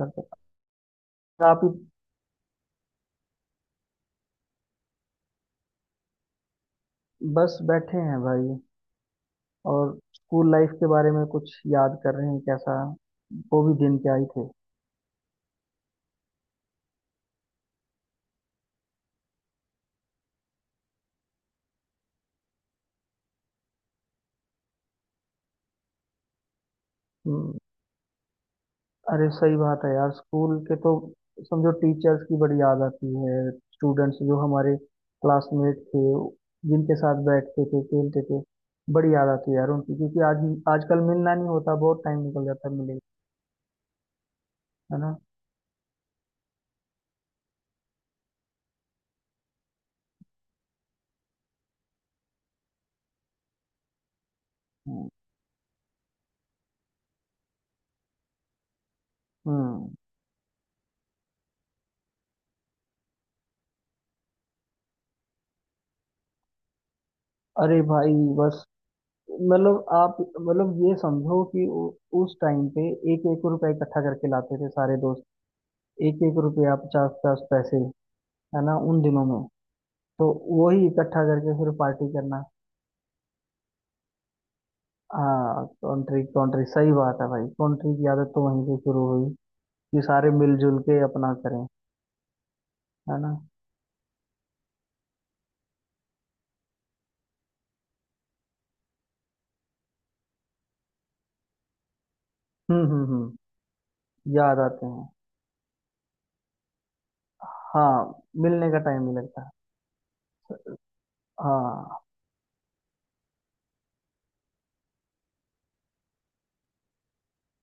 लगता है आप ही। बस बैठे हैं भाई, और स्कूल लाइफ के बारे में कुछ याद कर रहे हैं। कैसा वो भी दिन क्या ही थे। हम्म। अरे सही बात है यार, स्कूल के तो समझो टीचर्स की बड़ी याद आती है। स्टूडेंट्स जो हमारे क्लासमेट थे, जिनके साथ बैठते थे, खेलते थे, बड़ी याद आती है यार उनकी, क्योंकि आज आजकल मिलना नहीं होता, बहुत टाइम निकल जाता है मिले। है ना। हम्म हम्म। अरे भाई, बस मतलब, आप मतलब ये समझो कि उस टाइम पे एक एक रुपया इकट्ठा करके लाते थे सारे दोस्त, एक एक रुपया, 50-50 पैसे, है ना उन दिनों में। तो वही इकट्ठा करके फिर पार्टी करना। हाँ, कंट्री कंट्री सही बात है भाई, कंट्री की आदत तो वहीं से शुरू हुई, कि सारे मिलजुल के अपना करें। है ना। हम्म। याद आते हैं। हाँ, मिलने का टाइम नहीं लगता। हाँ।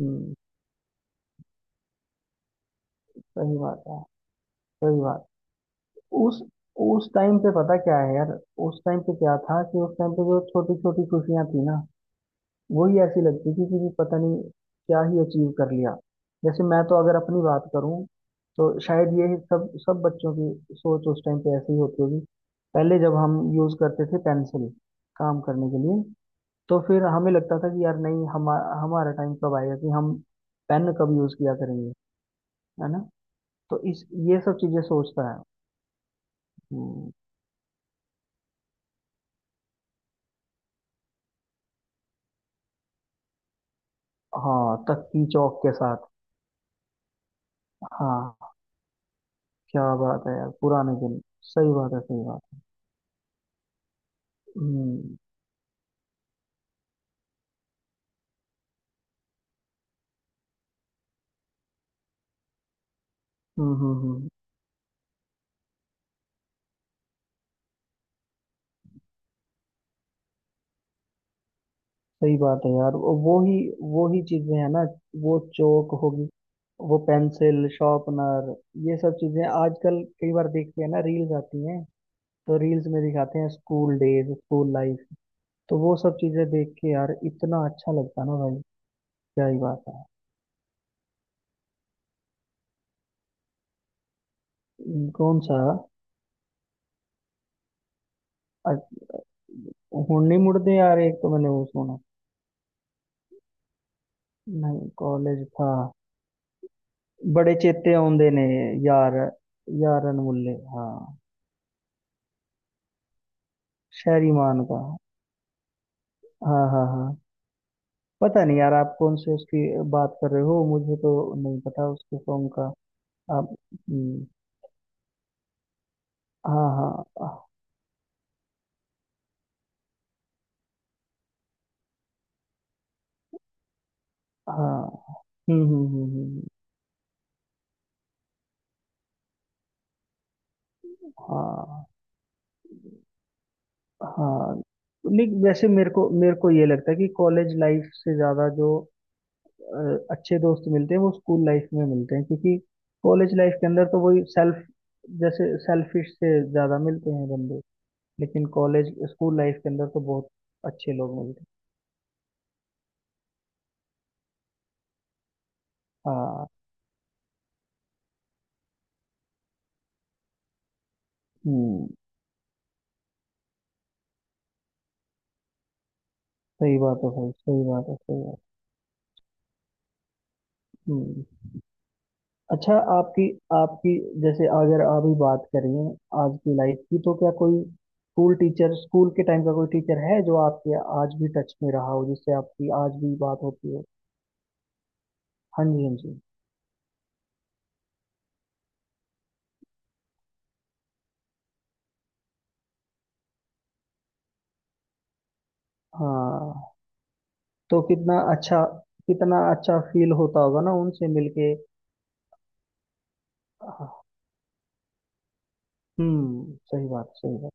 हम्म। सही बात है, सही बात है। उस उस टाइम पे पता क्या है यार, उस टाइम पे क्या था कि उस टाइम पे जो छोटी छोटी खुशियां थी ना, वही ऐसी लगती थी कि पता नहीं क्या ही अचीव कर लिया। जैसे मैं तो अगर अपनी बात करूं, तो शायद ये सब सब बच्चों की सोच उस टाइम पे ऐसी ही होती होगी। पहले जब हम यूज करते थे पेंसिल काम करने के लिए, तो फिर हमें लगता था कि यार नहीं, हम हमारा टाइम कब आएगा कि हम पेन कब यूज किया करेंगे। है ना। तो इस ये सब चीजें सोचता है। हम्म। हाँ, तक्की चौक के साथ। हाँ, क्या बात है यार, पुराने दिन। सही बात है, सही बात। हम्म हम्म। सही बात है यार। वो ही, वो ही चीजें हैं ना। वो चौक होगी, वो पेंसिल शार्पनर, ये सब चीजें आजकल कई बार देखते हैं ना, रील्स आती हैं। तो रील्स में दिखाते हैं स्कूल डेज, स्कूल लाइफ। तो वो सब चीजें देख के यार इतना अच्छा लगता है ना भाई, क्या ही बात है। कौन सा? अ- हुन्नी मुड़दे यार, एक तो मैंने वो सुना। नहीं, कॉलेज था। बड़े चेते औंदे ने यार, यार अनमुल्ले। हाँ, शहरीमान का। हाँ हाँ हाँ। पता नहीं यार, आप कौन से उसकी बात कर रहे हो, मुझे तो नहीं पता उसके सॉन्ग का। आप। हम्म, हाँ हाँ हाँ। हम्म। हाँ हाँ। नहीं, वैसे मेरे को ये लगता है कि कॉलेज लाइफ से ज्यादा जो अच्छे दोस्त मिलते हैं, वो स्कूल लाइफ में मिलते हैं, क्योंकि कॉलेज लाइफ के अंदर तो वही सेल्फ, जैसे सेल्फिश से ज्यादा मिलते हैं बंदे। लेकिन कॉलेज, स्कूल लाइफ के अंदर तो बहुत अच्छे लोग मिलते हैं। हाँ। हम्म, सही बात है भाई, सही बात है, सही बात है। हम्म। अच्छा, आपकी आपकी जैसे अगर अभी बात करें आज की लाइफ की, तो क्या कोई स्कूल टीचर, स्कूल के टाइम का कोई टीचर है जो आपके आज भी टच में रहा हो, जिससे आपकी आज भी बात होती हो? हाँ जी, हाँ जी। हाँ तो कितना अच्छा, कितना अच्छा फील होता होगा ना उनसे मिलके। हम्म, सही बात, सही बात।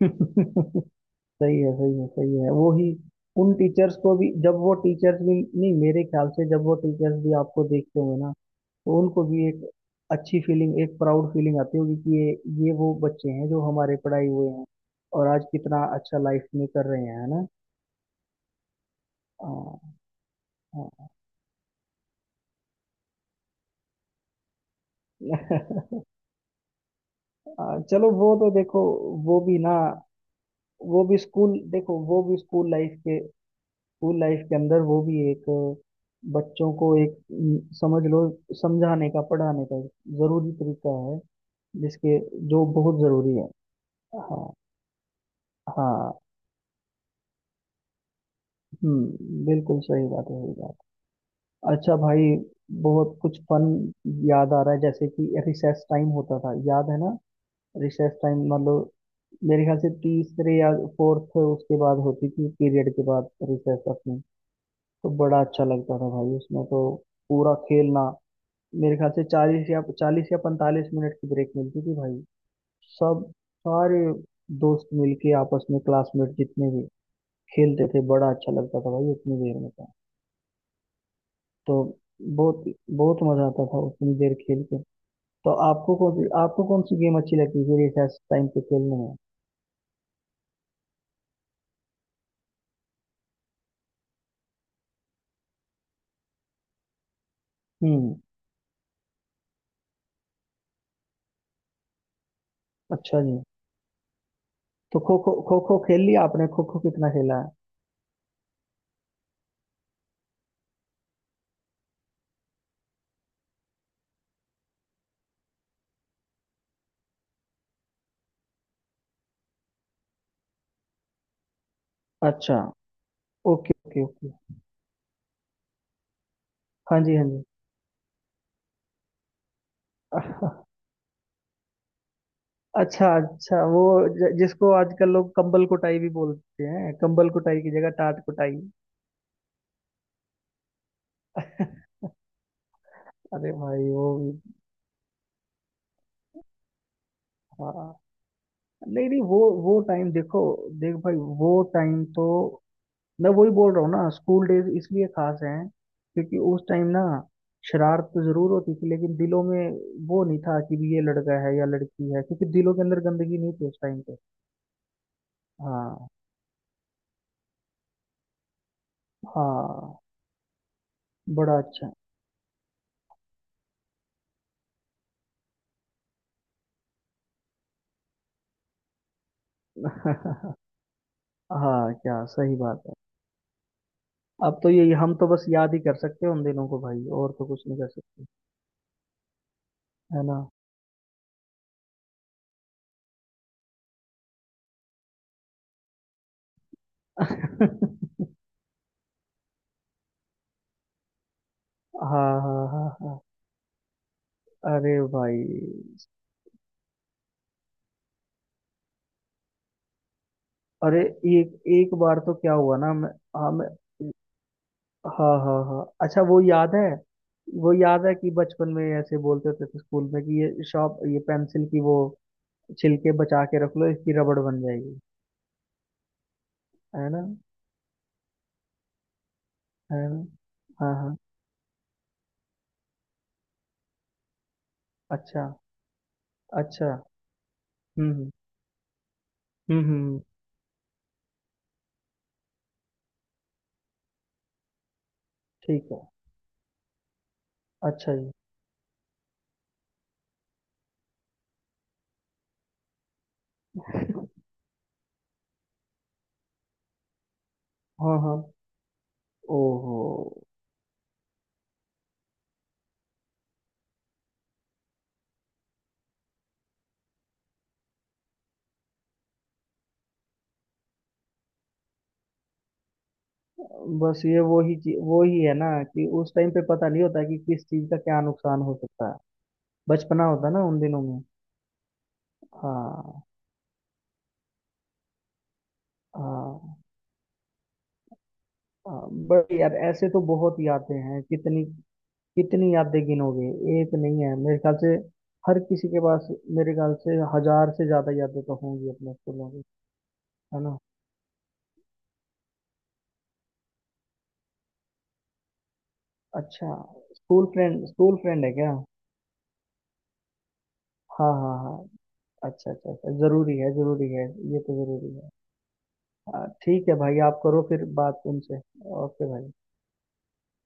सही है, सही है, सही है, वो ही। उन टीचर्स को भी, जब वो टीचर्स भी, नहीं मेरे ख्याल से जब वो टीचर्स भी आपको देखते होंगे ना, तो उनको भी एक अच्छी फीलिंग, एक प्राउड फीलिंग आती होगी कि ये वो बच्चे हैं जो हमारे पढ़ाई हुए हैं, और आज कितना अच्छा लाइफ में कर रहे हैं। है ना। हाँ। हाँ। चलो वो तो देखो। वो भी ना, वो भी स्कूल, देखो वो भी स्कूल लाइफ के, स्कूल लाइफ के अंदर वो भी एक, बच्चों को एक समझ लो, समझाने का, पढ़ाने का एक जरूरी तरीका है, जिसके, जो बहुत जरूरी है। हाँ हाँ। हम्म, बिल्कुल सही बात है, सही बात। अच्छा भाई, बहुत कुछ फन याद आ रहा है, जैसे कि रिसेस टाइम होता था, याद है ना। रिसेस टाइम मतलब मेरे ख्याल से तीसरे या फोर्थ, उसके बाद होती थी पीरियड के बाद रिसेस अपनी। तो बड़ा अच्छा लगता था भाई उसमें तो, पूरा खेलना। मेरे ख्याल से 40 या 40 या 45 मिनट की ब्रेक मिलती थी भाई। सब, सारे दोस्त मिलके आपस में क्लासमेट जितने भी, खेलते थे, बड़ा अच्छा लगता था भाई उतनी देर में था। तो बहुत, बहुत मजा आता था उतनी देर खेल के। तो आपको कौन सी गेम अच्छी लगती थी रिसेस टाइम पे खेलने में? हम्म, अच्छा जी। तो खो खो खेल लिया आपने, खो खो कितना खेला है? अच्छा, ओके ओके ओके। हाँ जी, हाँ जी। अच्छा अच्छा। वो जिसको आजकल लोग कंबल कुटाई भी बोलते हैं, कंबल कुटाई की जगह टाट कुटाई। अरे भाई वो भी। हाँ। नहीं नहीं, वो टाइम देखो, देख भाई, वो टाइम तो, मैं वही बोल रहा हूँ ना, स्कूल डेज इसलिए खास हैं, क्योंकि उस टाइम ना शरारत तो जरूर होती थी, लेकिन दिलों में वो नहीं था कि भी ये लड़का है या लड़की है, क्योंकि दिलों के अंदर गंदगी नहीं थी उस टाइम पे। हाँ हाँ। बड़ा अच्छा। हाँ, क्या सही बात है। अब तो यही, हम तो बस याद ही कर सकते हैं उन दिनों को भाई, और तो कुछ नहीं कर सकते। है ना। हाँ हाँ हाँ हाँ, अरे भाई। अरे एक एक बार तो क्या हुआ ना, मैं, हाँ मैं, हाँ हाँ हाँ, अच्छा वो याद है। वो याद है कि बचपन में ऐसे बोलते होते थे स्कूल में कि ये शॉप, ये पेंसिल की वो छिलके बचा के रख लो, इसकी रबड़ बन जाएगी। है ना। है ना। हाँ हाँ। अच्छा अच्छा। हम्म हम्म हम्म। ठीक है। अच्छा जी। हाँ हाँ। ओहो। बस ये वही चीज, वो ही है ना कि उस टाइम पे पता नहीं होता कि किस चीज का क्या नुकसान हो सकता है। बचपना होता ना उन दिनों में। हाँ। हाँ। हाँ। बट यार, ऐसे तो बहुत यादें हैं, कितनी, कितनी यादें गिनोगे। एक नहीं है मेरे ख्याल से हर किसी के पास, मेरे ख्याल से हजार से ज्यादा यादें तो होंगी अपने स्कूलों की। है ना। अच्छा, स्कूल फ्रेंड, स्कूल फ्रेंड है क्या? हाँ हाँ हाँ। अच्छा अच्छा अच्छा, जरूरी है, जरूरी है। ये तो जरूरी है। हाँ, ठीक है भाई, आप करो फिर बात उनसे। ओके भाई।